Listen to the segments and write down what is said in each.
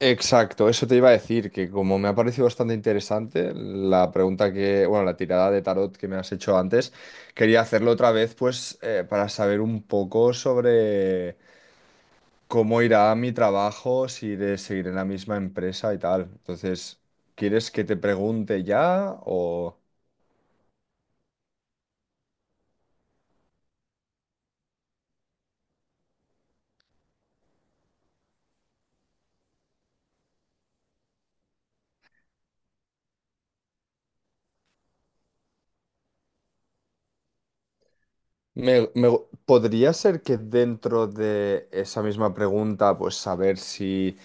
Exacto, eso te iba a decir, que como me ha parecido bastante interesante la pregunta que, bueno, la tirada de tarot que me has hecho antes, quería hacerlo otra vez, pues, para saber un poco sobre cómo irá mi trabajo, si iré seguir en la misma empresa y tal. Entonces, ¿quieres que te pregunte ya o...? Me, me- Podría ser que dentro de esa misma pregunta, pues saber si,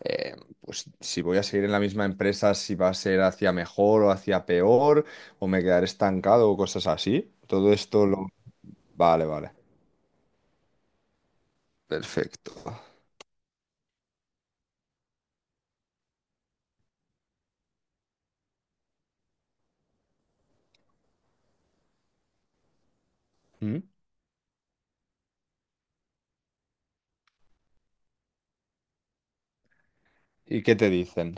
eh, pues, si voy a seguir en la misma empresa, si va a ser hacia mejor o hacia peor, o me quedaré estancado o cosas así. Todo esto lo... Vale, vale. Perfecto. ¿Mm? ¿Y qué te dicen?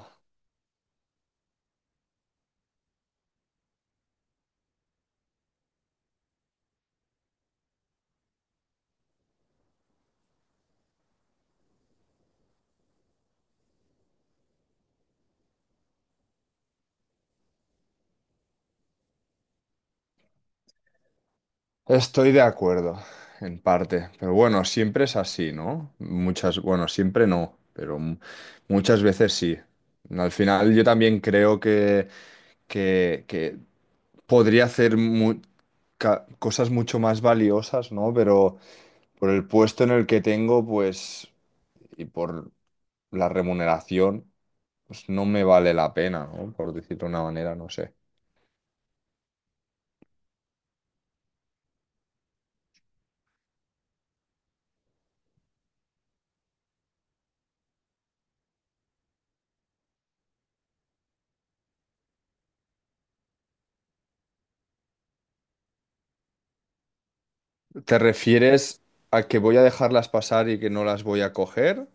Estoy de acuerdo, en parte, pero bueno, siempre es así, ¿no? Muchas, bueno, siempre no, pero muchas veces sí. Al final yo también creo que podría hacer cosas mucho más valiosas, ¿no? Pero por el puesto en el que tengo, pues, y por la remuneración, pues no me vale la pena, ¿no? Por decirlo de una manera, no sé. ¿Te refieres a que voy a dejarlas pasar y que no las voy a coger?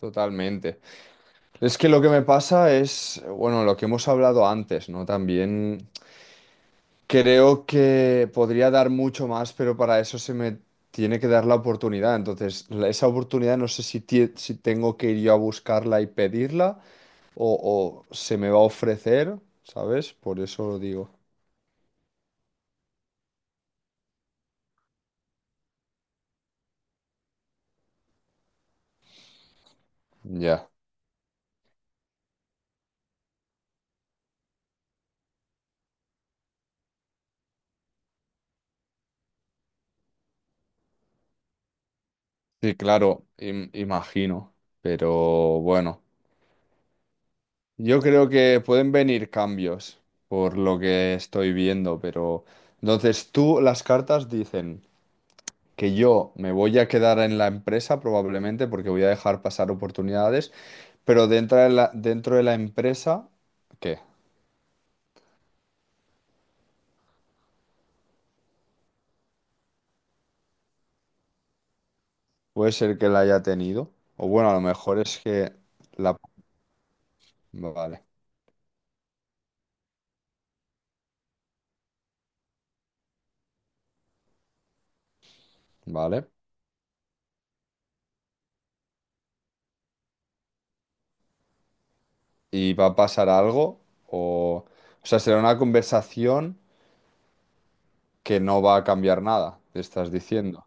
Totalmente. Es que lo que me pasa es, bueno, lo que hemos hablado antes, ¿no? También creo que podría dar mucho más, pero para eso se me tiene que dar la oportunidad. Entonces, esa oportunidad no sé si, si tengo que ir yo a buscarla y pedirla o se me va a ofrecer, ¿sabes? Por eso lo digo. Ya. Sí, claro, imagino. Pero bueno. Yo creo que pueden venir cambios por lo que estoy viendo, pero entonces tú las cartas dicen que yo me voy a quedar en la empresa probablemente porque voy a dejar pasar oportunidades, pero dentro de la empresa, ¿qué? Puede ser que la haya tenido, o bueno, a lo mejor es que la... Vale, vale. ¿Y va a pasar algo? O, o sea, será una conversación que no va a cambiar nada, te estás diciendo.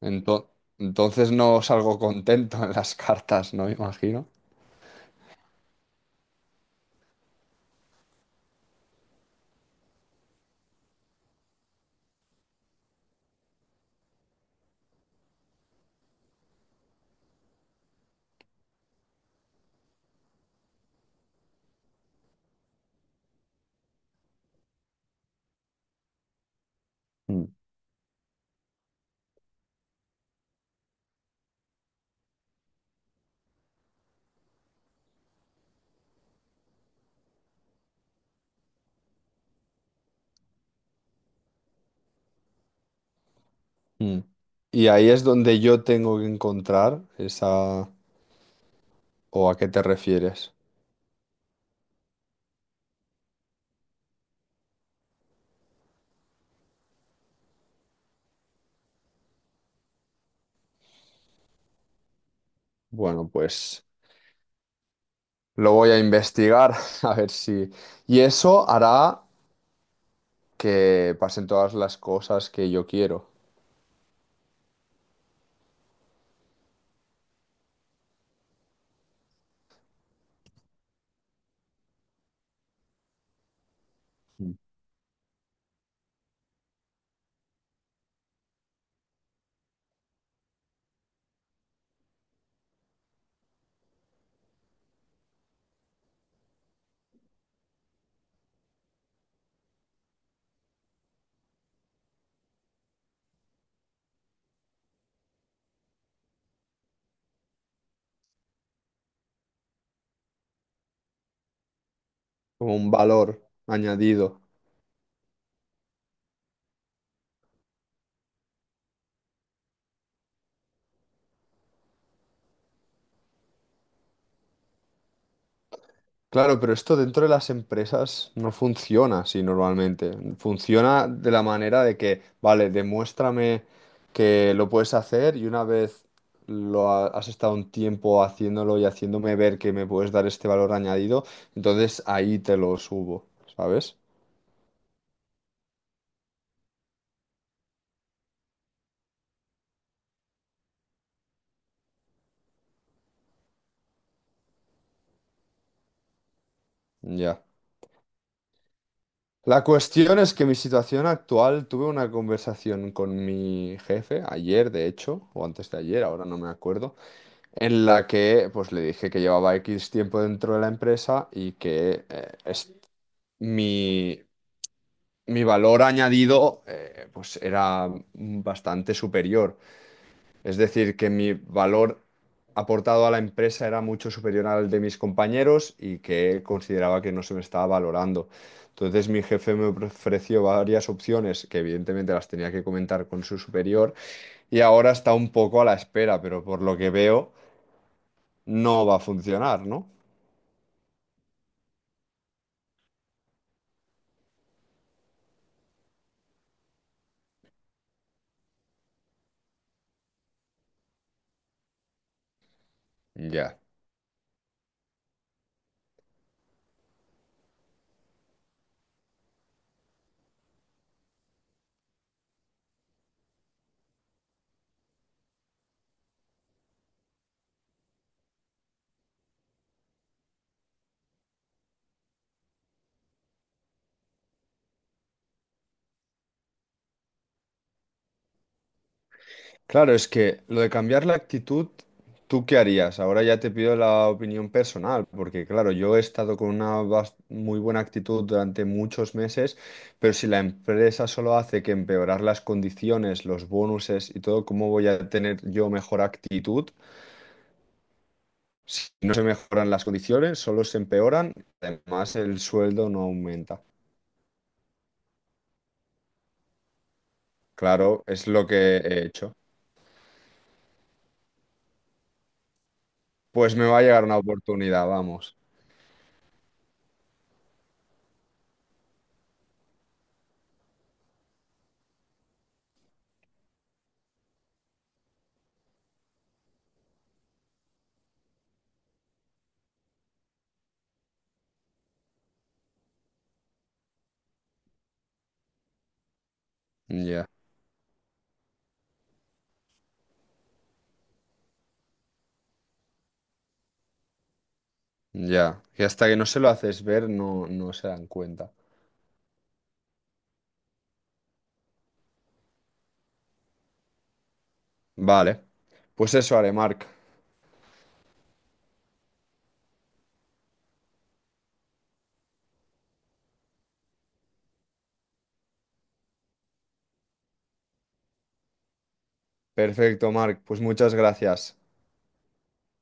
Ento- entonces no salgo contento en las cartas, ¿no? Me imagino. Mm. Mm. Y ahí es donde yo tengo que encontrar esa... ¿O a qué te refieres? Bueno, pues lo voy a investigar a ver si... Y eso hará que pasen todas las cosas que yo quiero. Mm. Como un valor añadido. Claro, pero esto dentro de las empresas no funciona así normalmente. Funciona de la manera de que, vale, demuéstrame que lo puedes hacer y una vez has estado un tiempo haciéndolo y haciéndome ver que me puedes dar este valor añadido, entonces ahí te lo subo, ¿sabes? Ya. La cuestión es que mi situación actual, tuve una conversación con mi jefe ayer, de hecho, o antes de ayer, ahora no me acuerdo. En la que pues le dije que llevaba X tiempo dentro de la empresa y que mi, mi valor añadido pues era bastante superior. Es decir, que mi valor aportado a la empresa era mucho superior al de mis compañeros y que consideraba que no se me estaba valorando. Entonces mi jefe me ofreció varias opciones que evidentemente las tenía que comentar con su superior y ahora está un poco a la espera, pero por lo que veo no va a funcionar, ¿no? Ya. Claro, es que lo de cambiar la actitud, ¿tú qué harías? Ahora ya te pido la opinión personal, porque claro, yo he estado con una muy buena actitud durante muchos meses, pero si la empresa solo hace que empeorar las condiciones, los bonuses y todo, ¿cómo voy a tener yo mejor actitud? Si no se mejoran las condiciones, solo se empeoran, además el sueldo no aumenta. Claro, es lo que he hecho. Pues me va a llegar una oportunidad, vamos. Ya. Ya, que hasta que no se lo haces ver no, no se dan cuenta. Vale, pues eso haré, Marc. Perfecto, Marc. Pues muchas gracias.